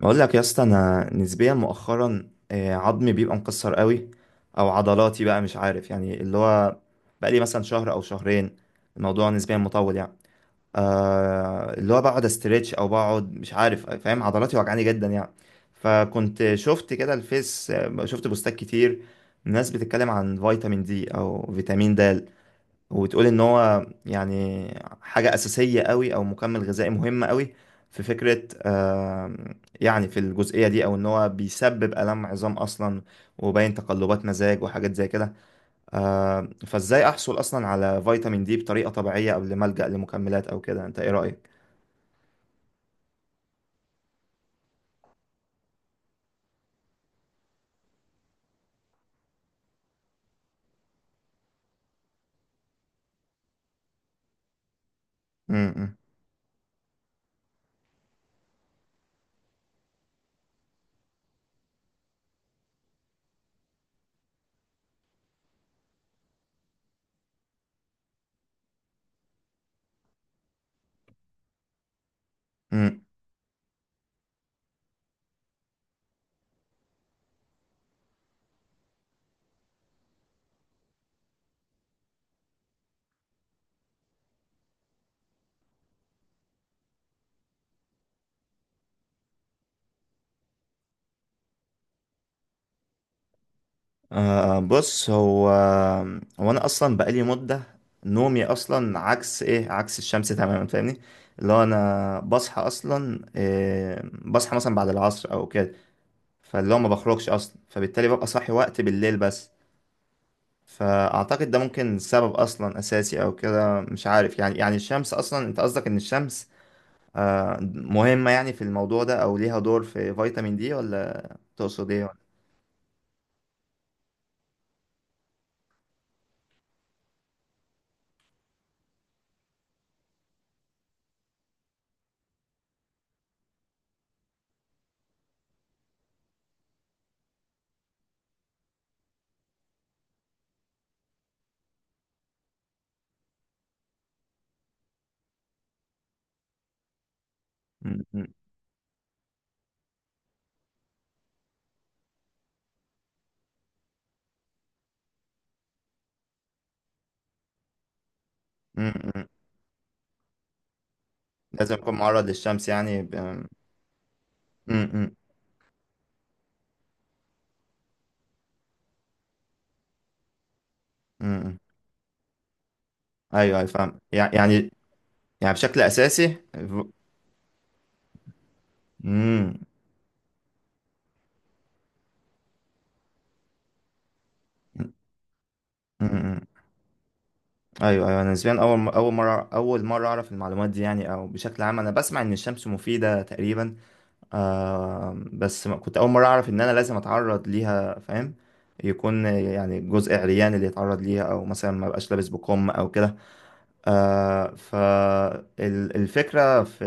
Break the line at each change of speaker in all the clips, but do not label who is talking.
بقول لك يا اسطى، انا نسبيا مؤخرا، عظمي بيبقى مكسر قوي، او عضلاتي بقى، مش عارف يعني، اللي هو بقى لي مثلا شهر او شهرين. الموضوع نسبيا مطول يعني. اللي هو بقعد استريتش او بقعد، مش عارف، فاهم، عضلاتي وجعاني جدا يعني. فكنت شفت كده الفيس، شفت بوستات كتير، ناس بتتكلم عن فيتامين دي او فيتامين د، وتقول ان هو يعني حاجة أساسية قوي، او مكمل غذائي مهم قوي. في فكرة، يعني في الجزئية دي، او ان هو بيسبب آلام عظام اصلا، وباين تقلبات مزاج وحاجات زي كده. فازاي احصل اصلا على فيتامين دي بطريقة طبيعية قبل ما ألجأ لمكملات او كده؟ انت ايه رأيك؟ م- م- أه، بص، هو انا اصلا بقالي مده، نومي اصلا عكس، ايه، عكس الشمس تماما، فاهمني؟ اللي هو انا بصحى اصلا، إيه، بصحى مثلا بعد العصر او كده، فاللي هو ما بخرجش اصلا، فبالتالي ببقى صاحي وقت بالليل بس. فاعتقد ده ممكن سبب اصلا اساسي او كده، مش عارف يعني، الشمس اصلا، انت قصدك ان الشمس، أه، مهمه يعني في الموضوع ده، او ليها دور في فيتامين دي ولا؟ تقصد ايه م- م- م- م. لازم اكون معرض للشمس يعني؟ امم امم ايوه، ايوه، فاهم، يعني، يعني بشكل اساسي. امم امم ايوه، ايوه، انا نسبيا اول مره اعرف المعلومات دي يعني. او بشكل عام انا بسمع ان الشمس مفيده تقريبا، بس كنت اول مره اعرف ان انا لازم اتعرض ليها، فاهم؟ يكون يعني جزء عريان اللي يتعرض ليها، او مثلا ما بقاش لابس بكم او كده. فالفكره في،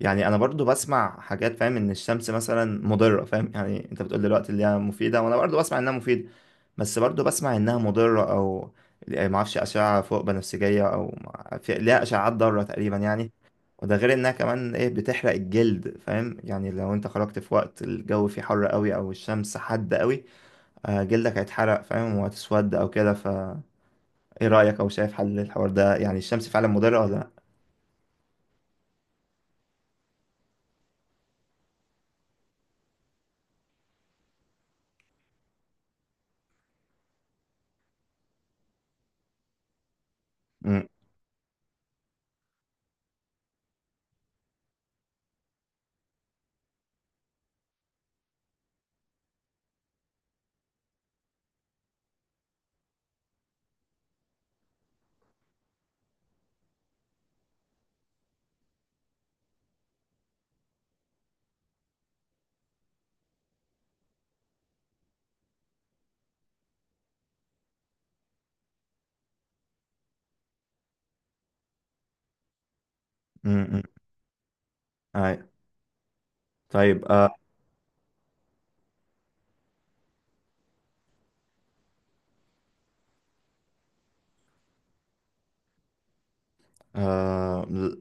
يعني انا برضو بسمع حاجات، فاهم، ان الشمس مثلا مضره، فاهم؟ يعني انت بتقول دلوقتي اللي هي مفيده، وانا برضو بسمع انها مفيده، بس برضو بسمع انها مضره. او يعني ما اعرفش، اشعه فوق بنفسجيه، او في ليها اشعاعات ضاره تقريبا يعني. وده غير انها كمان، ايه، بتحرق الجلد، فاهم؟ يعني لو انت خرجت في وقت الجو فيه حر قوي او الشمس حادة قوي، جلدك هيتحرق، فاهم، وهتسود او كده. ف ايه رايك، او شايف حل الحوار ده؟ يعني الشمس فعلا مضره ولا لا؟ م- م- م. أيوة. طيب، آه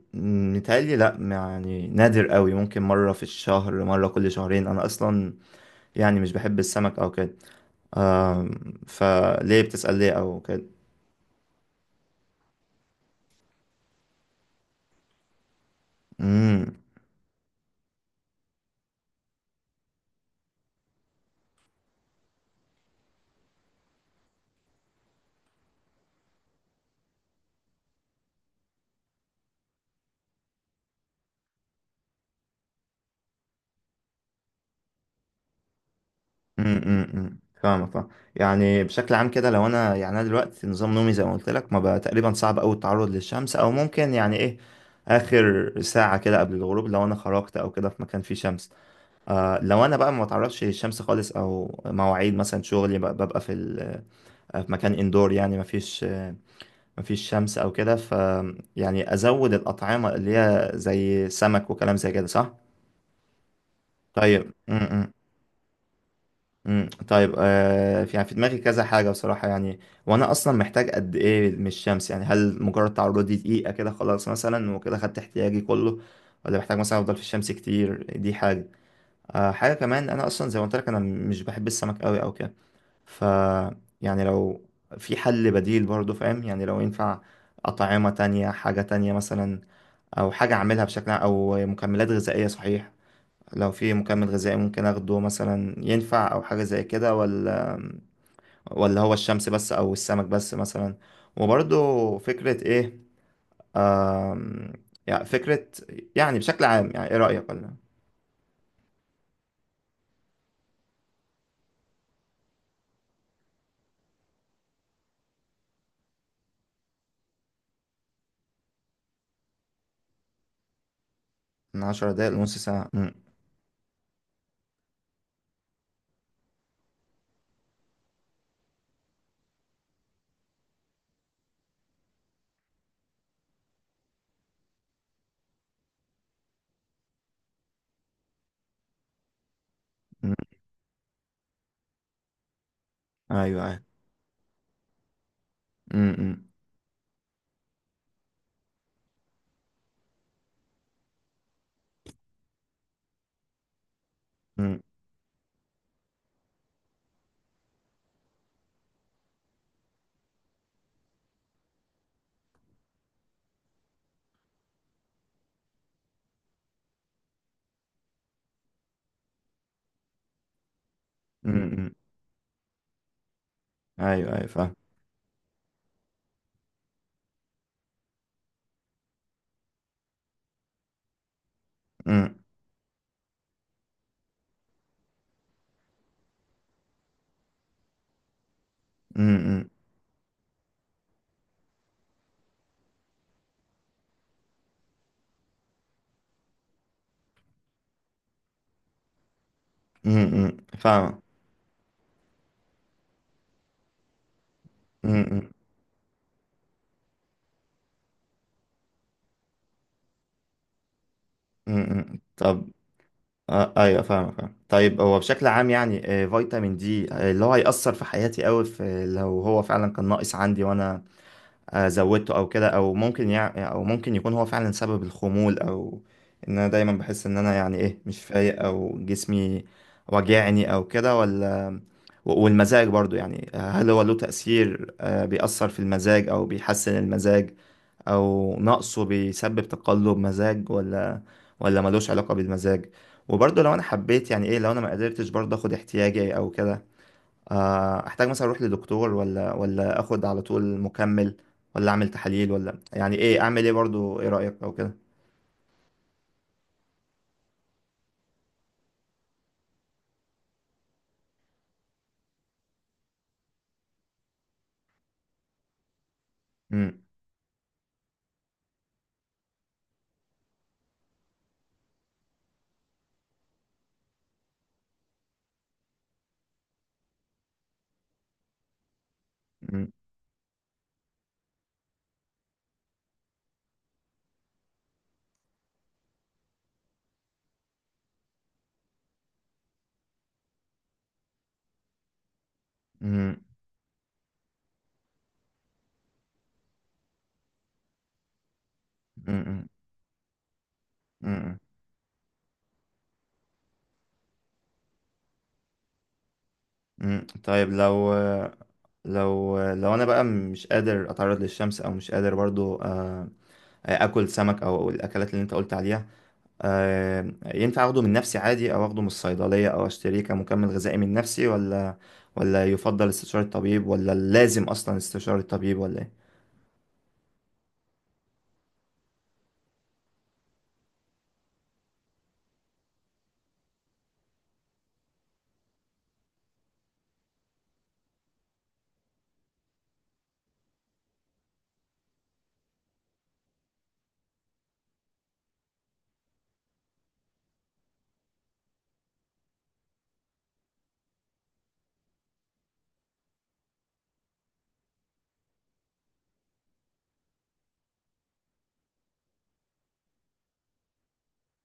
متهيألي لأ يعني، نادر قوي، ممكن مرة في الشهر، مرة كل شهرين. أنا أصلا يعني مش بحب السمك أو كده. فليه بتسأل، ليه أو كده؟ امم فاهمك، فاهم. يعني بشكل عام كده، لو أنا، يعني أنا دلوقتي نظام نومي زي ما قلت لك، ما بقى تقريبا صعب أوي التعرض للشمس، أو ممكن يعني، إيه، آخر ساعة كده قبل الغروب، لو أنا خرجت أو كده في مكان فيه شمس. آه، لو أنا بقى ما بتعرضش للشمس خالص، أو مواعيد مثلا شغلي ببقى في، في مكان اندور، يعني مفيش، مفيش شمس او كده. ف يعني ازود الاطعمه اللي هي زي سمك وكلام زي كده، صح؟ طيب، م -م. م. طيب، في يعني، في دماغي كذا حاجه بصراحه يعني. وانا اصلا محتاج قد ايه من الشمس يعني؟ هل مجرد تعرضي دقيقه كده، خلاص مثلا، وكده خدت احتياجي كله؟ ولا محتاج مثلا افضل في الشمس كتير؟ دي حاجه. حاجه كمان، انا اصلا زي ما قلت لك، انا مش بحب السمك قوي او كده. ف يعني لو في حل بديل برضه، فاهم يعني، لو ينفع أطعمة تانية، حاجة تانية مثلا، أو حاجة أعملها بشكل عام، أو مكملات غذائية، صحيح؟ لو في مكمل غذائي ممكن أخده مثلا، ينفع أو حاجة زي كده، ولا هو الشمس بس أو السمك بس مثلا؟ وبرضه فكرة، إيه، آم، يعني فكرة، يعني بشكل عام، يعني إيه رأيك ولا؟ من 10 دقايق لنص ساعة. م- أيوه، أيوه. م- م- م- م- م- أيوه، أيوه، فاهم. م- امم، فاهمة. امم طب، ايوه، فاهمة، فاهمة. طيب، هو بشكل عام يعني، فيتامين دي، اللي هو هيأثر في حياتي قوي، في لو هو فعلا كان ناقص عندي، وانا زودته او كده، او ممكن يعني، او ممكن يكون هو فعلا سبب الخمول، او ان انا دايما بحس ان انا يعني، ايه، مش فايق، او جسمي واجعني او كده ولا؟ والمزاج برضو يعني، هل هو له تأثير؟ بيأثر في المزاج او بيحسن المزاج، او نقصه بيسبب تقلب مزاج، ولا ملوش علاقة بالمزاج؟ وبرضه لو انا حبيت يعني، ايه، لو انا ما قدرتش برضه اخد احتياجي او كده، احتاج مثلا اروح لدكتور، ولا اخد على طول مكمل، ولا اعمل تحاليل، ولا يعني، ايه، اعمل ايه برضو؟ ايه رأيك او كده؟ مم، مم، مم، مم، مم، مم. طيب، لو انا بقى مش قادر اتعرض للشمس، او مش قادر برضو، اكل سمك او الاكلات اللي انت قلت عليها، ينفع اخده من نفسي عادي، او اخده من الصيدلية، او اشتريه كمكمل غذائي من نفسي، ولا يفضل استشارة الطبيب، ولا لازم اصلا استشارة الطبيب ولا؟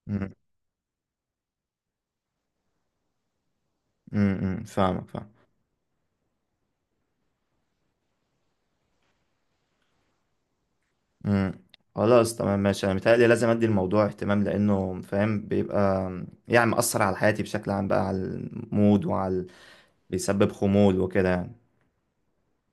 ايه. فاهمك، فاهم. امم. خلاص تمام ماشي. انا متهيألي لازم ادي الموضوع اهتمام، لانه فاهم بيبقى يعني مأثر على حياتي بشكل عام، بقى على المود، وعلى، بيسبب خمول وكده يعني.